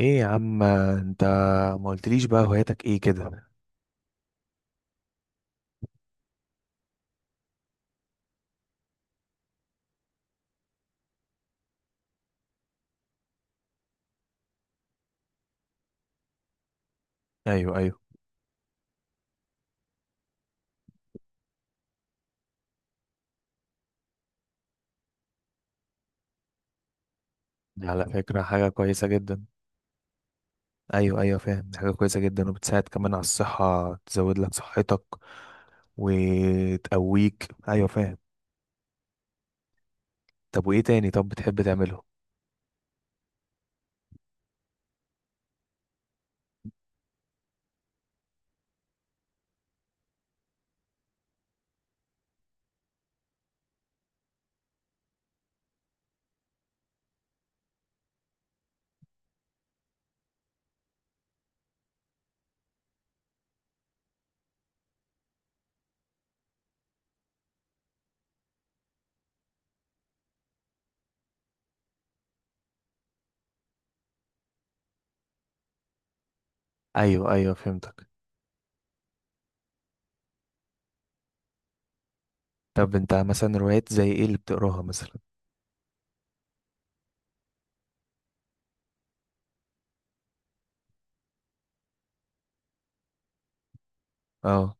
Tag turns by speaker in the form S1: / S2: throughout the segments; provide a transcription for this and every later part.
S1: ايه يا عم انت؟ ما قلتليش بقى هواياتك ايه كده؟ ايوه، ايوه. دي على فكرة حاجة كويسة جدا. ايوه ايوه فاهم، دي حاجة كويسة جدا وبتساعد كمان على الصحة، تزود لك صحتك وتقويك. ايوه فاهم. طب وايه تاني طب بتحب تعمله؟ ايوه ايوه فهمتك. طب انت مثلا روايات زي ايه اللي بتقراها مثلا؟ اه.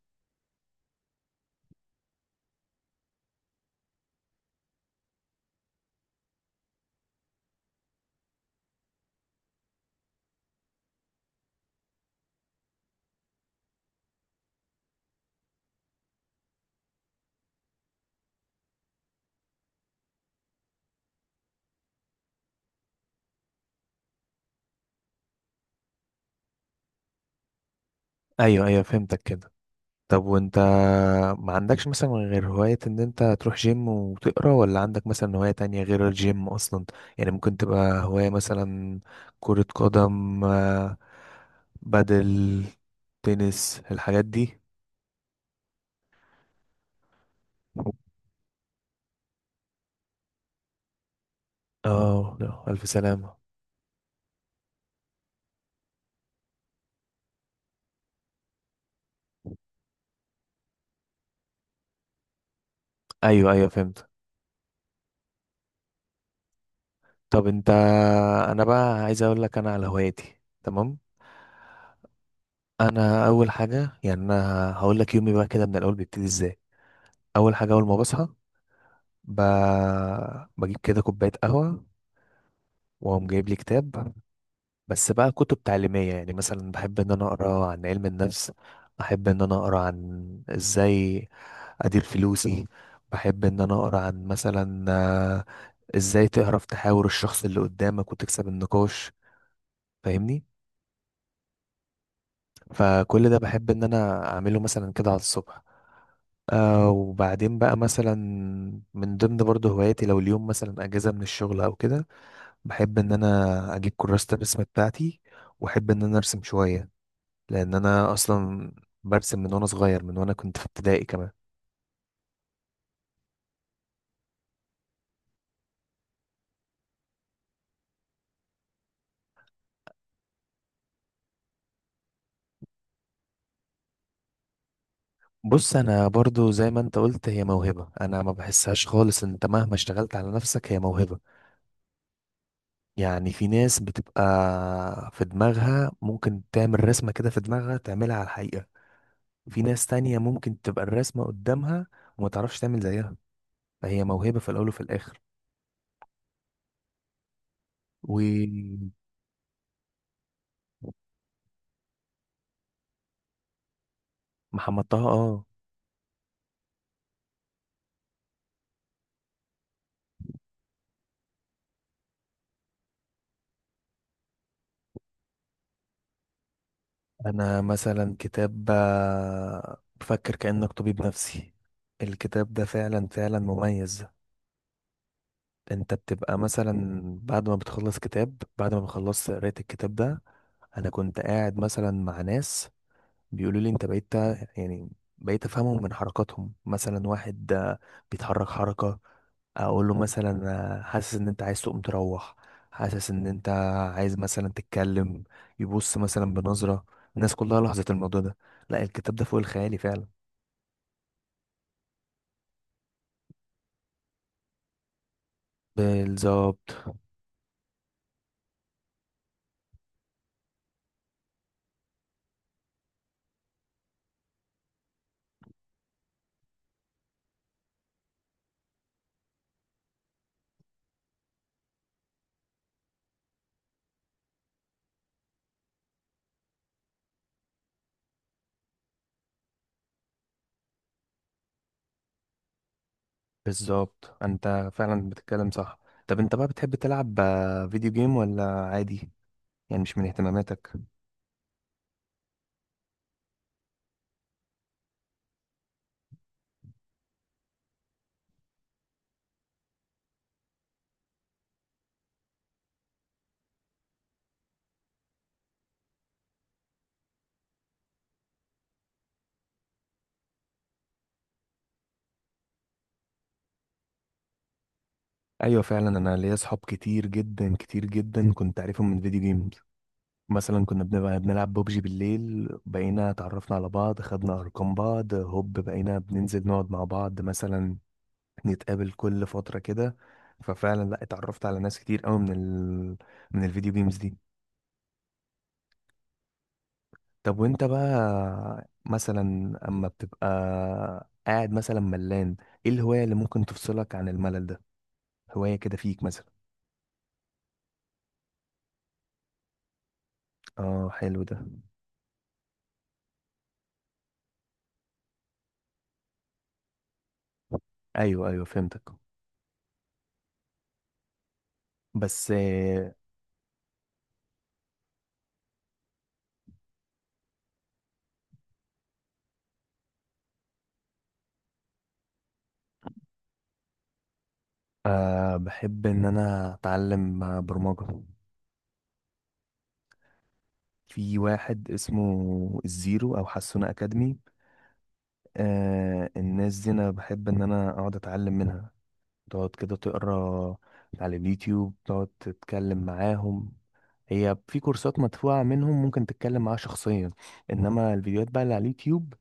S1: ايوه ايوه فهمتك كده. طب وانت ما عندكش مثلا غير هواية ان انت تروح جيم وتقرا؟ ولا عندك مثلا هواية تانية غير الجيم اصلا؟ يعني ممكن تبقى هواية مثلا كرة قدم، بدل تنس، الحاجات دي. اه لا، الف سلامة. ايوه ايوه فهمت. طب انت، انا بقى عايز اقول لك انا على هواياتي تمام. انا اول حاجه، يعني انا هقول لك يومي بقى كده من الاول بيبتدي ازاي. اول حاجه اول ما بصحى ب... بجيب كده كوبايه قهوه، وقام جايب لي كتاب. بس بقى كتب تعليمية، يعني مثلا بحب ان انا اقرا عن علم النفس، بحب ان انا اقرا عن ازاي ادير فلوسي، بحب ان انا اقرا عن مثلا ازاي تعرف تحاور الشخص اللي قدامك وتكسب النقاش. فاهمني؟ فكل ده بحب ان انا اعمله مثلا كده على الصبح. آه وبعدين بقى مثلا من ضمن برضه هواياتي، لو اليوم مثلا اجازة من الشغل او كده، بحب ان انا اجيب كراسة الرسم بتاعتي واحب ان انا ارسم شوية، لان انا اصلا برسم من وانا صغير، من وانا كنت في ابتدائي كمان. بص انا برضو زي ما انت قلت، هي موهبة، انا ما بحسهاش خالص. انت مهما اشتغلت على نفسك، هي موهبة. يعني في ناس بتبقى في دماغها ممكن تعمل رسمة كده في دماغها تعملها على الحقيقة. في ناس تانية ممكن تبقى الرسمة قدامها وما تعرفش تعمل زيها. فهي موهبة في الاول وفي الاخر. ومحمد طه، اه. انا مثلا كتاب بفكر كأنك طبيب نفسي، الكتاب ده فعلا فعلا مميز. انت بتبقى مثلا بعد ما بتخلص كتاب، بعد ما بخلصت قراية الكتاب ده، انا كنت قاعد مثلا مع ناس بيقولوا لي انت بقيت، يعني بقيت افهمهم من حركاتهم. مثلا واحد بيتحرك حركة، اقول له مثلا حاسس ان انت عايز تقوم تروح، حاسس ان انت عايز مثلا تتكلم، يبص مثلا بنظرة. الناس كلها لاحظت الموضوع ده. لا، الكتاب ده فوق الخيالي فعلا. بالظبط. بالظبط، انت فعلا بتتكلم صح. طب انت بقى بتحب تلعب فيديو جيم ولا عادي؟ يعني مش من اهتماماتك؟ ايوه فعلا، انا ليا اصحاب كتير جدا كتير جدا كنت عارفهم من فيديو جيم. مثلا كنا بنبقى بنلعب ببجي بالليل، بقينا اتعرفنا على بعض، خدنا ارقام بعض، هوب بقينا بننزل نقعد مع بعض مثلا، نتقابل كل فترة كده. ففعلا لا، اتعرفت على ناس كتير قوي من من الفيديو جيمز دي. طب وانت بقى مثلا اما بتبقى قاعد مثلا ملان، ايه الهواية اللي ممكن تفصلك عن الملل ده؟ هواية كده فيك مثلا. اه حلو ده. ايوه ايوه فهمتك. بس آه بحب ان انا اتعلم برمجة. في واحد اسمه الزيرو او حسونة اكاديمي، آه الناس دي انا بحب ان انا اقعد اتعلم منها. تقعد كده تقرا على اليوتيوب، تقعد تتكلم معاهم. هي في كورسات مدفوعة منهم ممكن تتكلم معاها شخصيا، انما الفيديوهات بقى اللي على اليوتيوب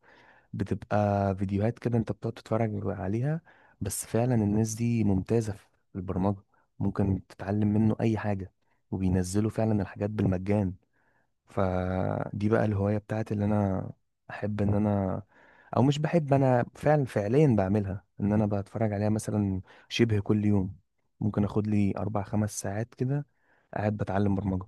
S1: بتبقى فيديوهات كده انت بتقعد تتفرج عليها. بس فعلا الناس دي ممتازة في البرمجة، ممكن تتعلم منه اي حاجة، وبينزلوا فعلا الحاجات بالمجان. فدي بقى الهواية بتاعتي اللي انا احب ان انا، او مش بحب، انا فعلا فعليا بعملها ان انا بتفرج عليها مثلا شبه كل يوم. ممكن اخد لي اربع خمس ساعات كده قاعد بتعلم برمجة.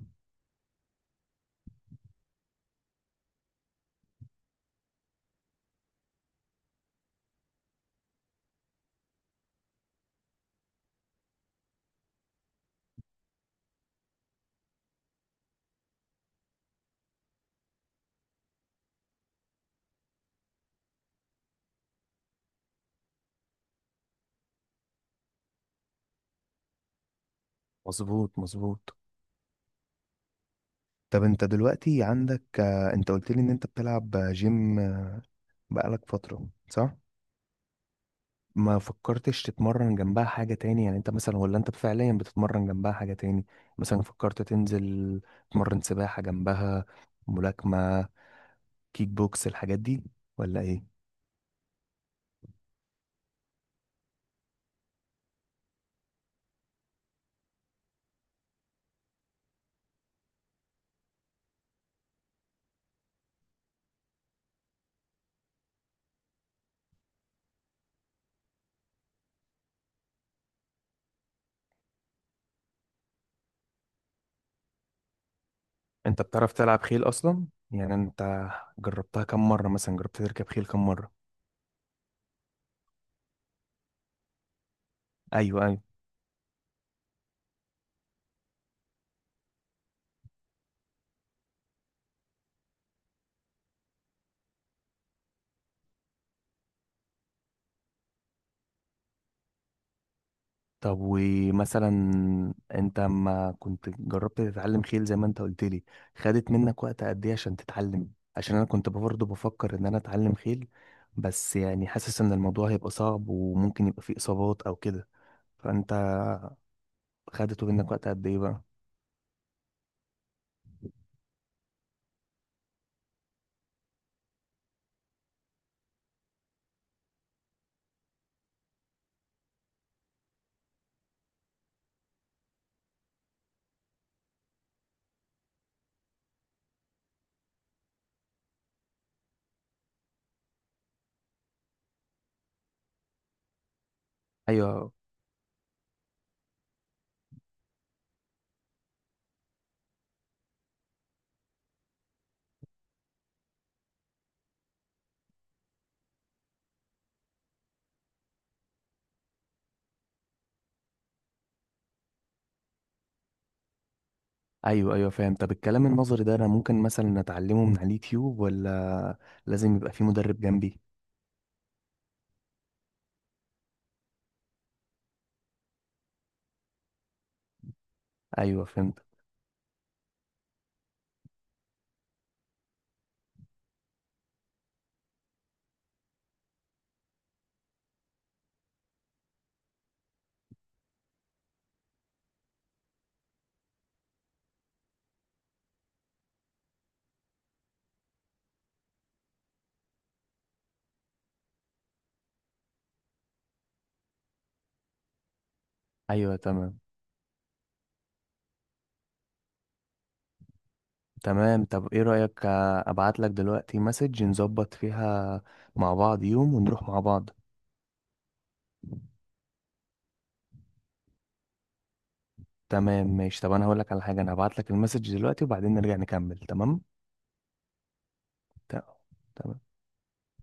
S1: مظبوط مظبوط. طب انت دلوقتي عندك انت قلت لي ان انت بتلعب جيم بقالك فترة صح؟ ما فكرتش تتمرن جنبها حاجة تاني؟ يعني انت مثلا، ولا انت فعليا بتتمرن جنبها حاجة تاني؟ مثلا فكرت تنزل تتمرن سباحة جنبها، ملاكمة، كيك بوكس، الحاجات دي ولا ايه؟ انت بتعرف تلعب خيل اصلا؟ يعني انت جربتها كم مرة؟ مثلا جربت تركب خيل كم مرة؟ ايوه ايوه. طب ومثلا، انت ما كنت جربت تتعلم خيل زي ما انت قلت لي، خدت منك وقت قد ايه عشان تتعلم؟ عشان انا كنت برضه بفكر ان انا اتعلم خيل، بس يعني حاسس ان الموضوع هيبقى صعب وممكن يبقى فيه اصابات او كده. فانت خدته منك وقت قد ايه بقى؟ ايوه. ايوه ايوه فاهم. طب الكلام النظري ده انا ممكن مثلا اتعلمه من على اليوتيوب، ولا لازم يبقى في مدرب جنبي؟ ايوه فهمت. ايوه تمام. تمام، طب ايه رأيك ابعت لك دلوقتي مسج نظبط فيها مع بعض يوم ونروح مع بعض؟ تمام ماشي، طب انا هقول لك على حاجة، انا هبعت لك المسج دلوقتي وبعدين نرجع نكمل، تمام؟ ت- تمام.